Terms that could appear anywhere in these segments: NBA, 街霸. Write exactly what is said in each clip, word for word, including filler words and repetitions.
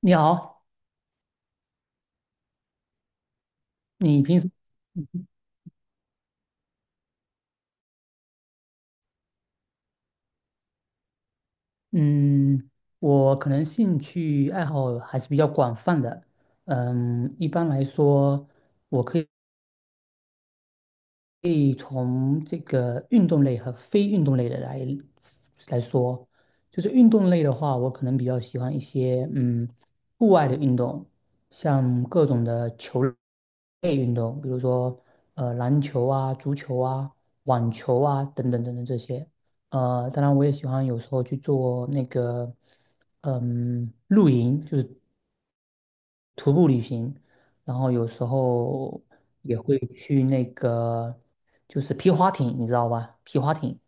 你好，你平时，嗯，我可能兴趣爱好还是比较广泛的，嗯，一般来说，我可以。可以从这个运动类和非运动类的来来说，就是运动类的话，我可能比较喜欢一些嗯户外的运动，像各种的球类运动，比如说呃篮球啊、足球啊、网球啊等等等等这些。呃，当然我也喜欢有时候去做那个嗯露营，就是徒步旅行，然后有时候也会去那个就是皮划艇，你知道吧？皮划艇，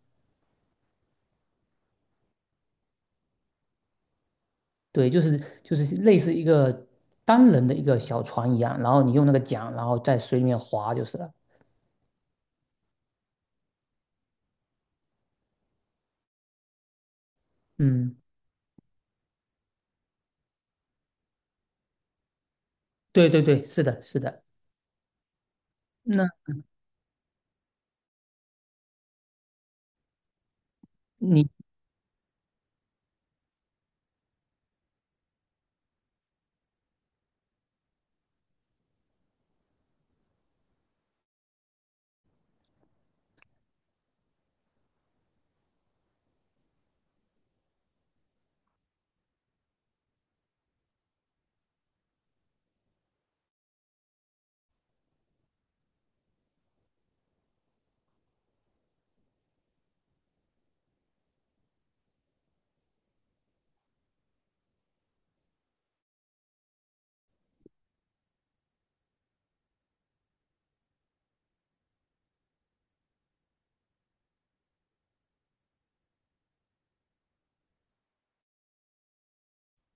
对，就是就是类似一个单人的一个小船一样，然后你用那个桨，然后在水里面划就是了。嗯，对对对，是的，是的。那你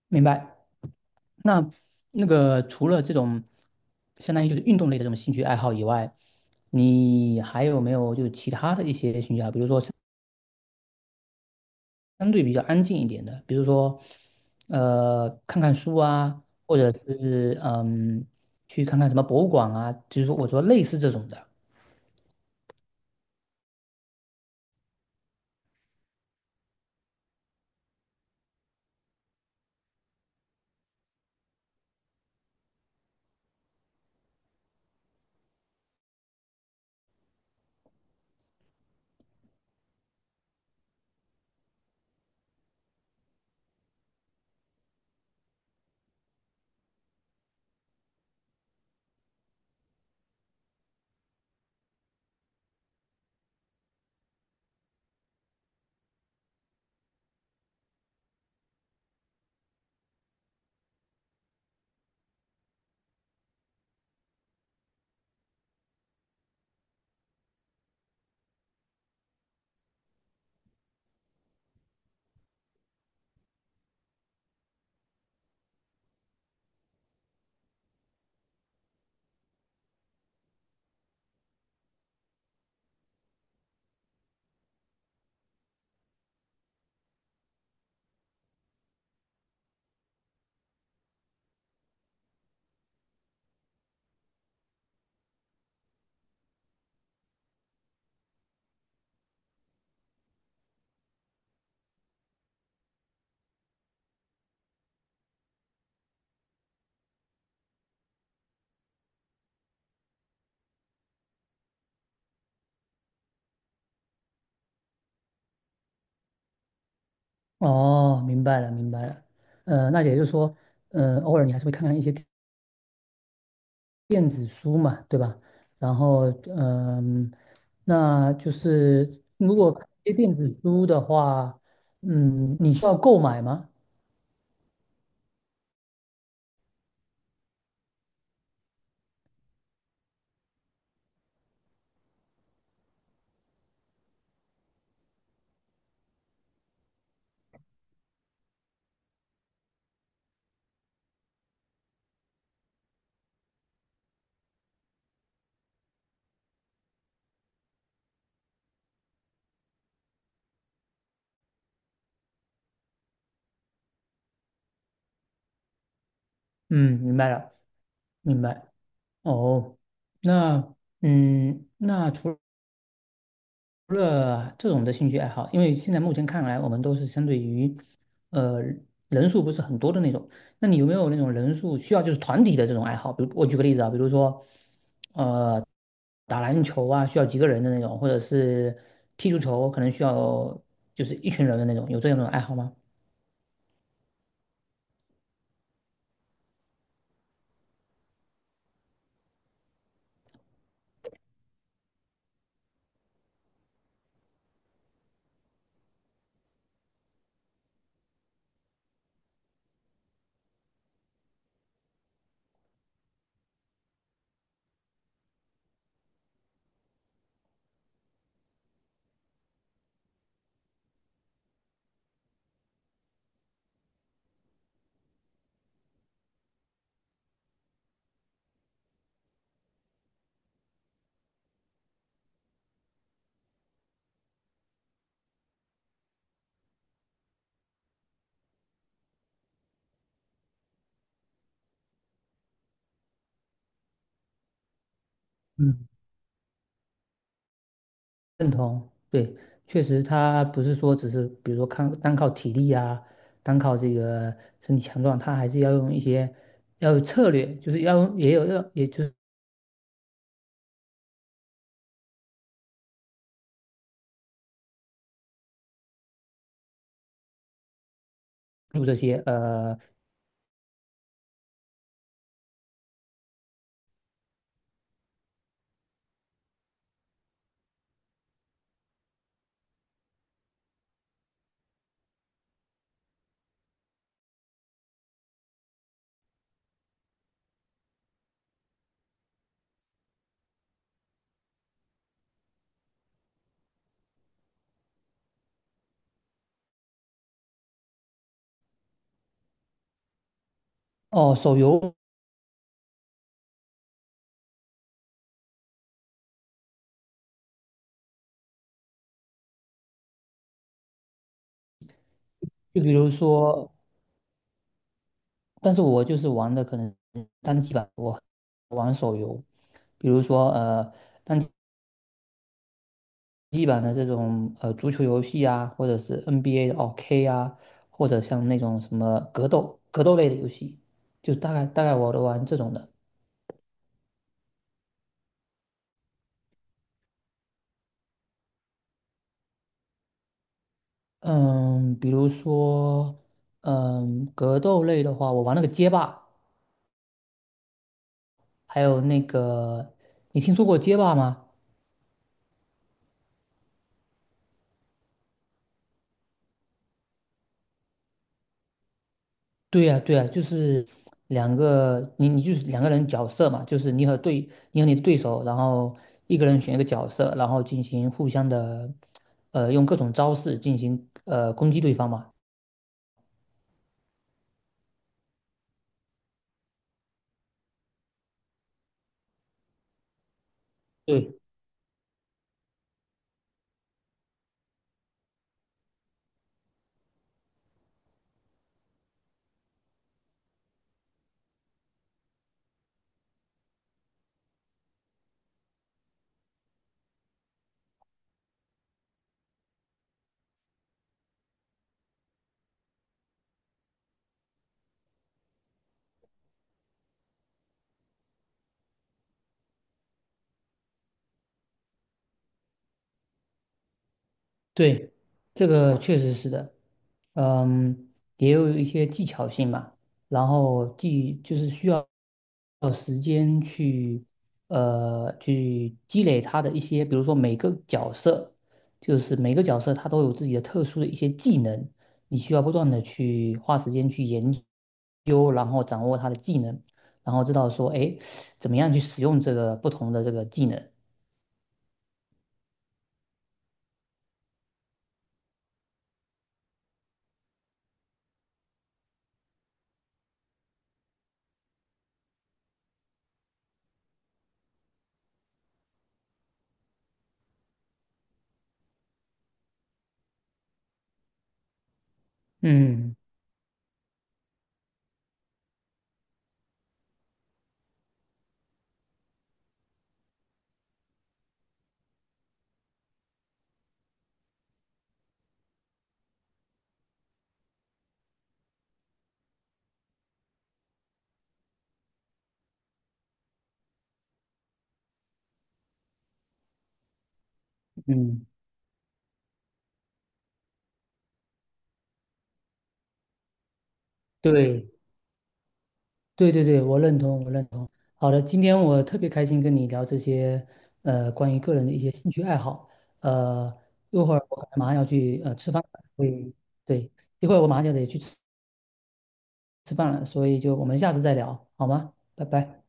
明白？那那个除了这种相当于就是运动类的这种兴趣爱好以外，你还有没有就其他的一些兴趣爱好？比如说相对比较安静一点的，比如说，呃，看看书啊，或者是嗯，去看看什么博物馆啊，就是说我说类似这种的。哦，明白了，明白了。呃，那也就是说，呃，偶尔你还是会看看一些电电子书嘛，对吧？然后，嗯、那就是如果看一些电子书的话，嗯，你需要购买吗？嗯，明白了，明白。哦，那嗯，那除除了这种的兴趣爱好，因为现在目前看来，我们都是相对于，呃，人数不是很多的那种。那你有没有那种人数需要就是团体的这种爱好？比如我举个例子啊，比如说，呃，打篮球啊，需要几个人的那种，或者是踢足球，可能需要就是一群人的那种，有这样的爱好吗？嗯。认同，对，确实，他不是说只是比如说看单靠体力啊，单靠这个身体强壮，他还是要用一些要有策略，就是要用也有要，也就是做这些呃哦手游，就比如说，但是我就是玩的可能单机版，我玩手游，比如说呃机版的这种呃足球游戏啊，或者是 N B A 的哦 k 啊，或者像那种什么格斗格斗类的游戏，就大概大概我都玩这种的。嗯，比如说，嗯，格斗类的话，我玩那个街霸，还有那个，你听说过街霸吗？对呀，对呀，就是两个，你你就是两个人角色嘛，就是你和对，你和你的对手，然后一个人选一个角色，然后进行互相的，呃，用各种招式进行呃攻击对方嘛。对，这个确实是的，嗯，也有一些技巧性嘛，然后技就是需要时间去呃去积累他的一些，比如说每个角色，就是每个角色他都有自己的特殊的一些技能，你需要不断的去花时间去研究，然后掌握他的技能，然后知道说，哎，怎么样去使用这个不同的这个技能，嗯嗯，对对对对，我认同，我认同。好的，今天我特别开心跟你聊这些，呃，关于个人的一些兴趣爱好。呃，一会儿我可能马上要去呃吃饭了，所以对，一会儿我马上就得去吃吃饭了，所以就我们下次再聊，好吗？拜拜。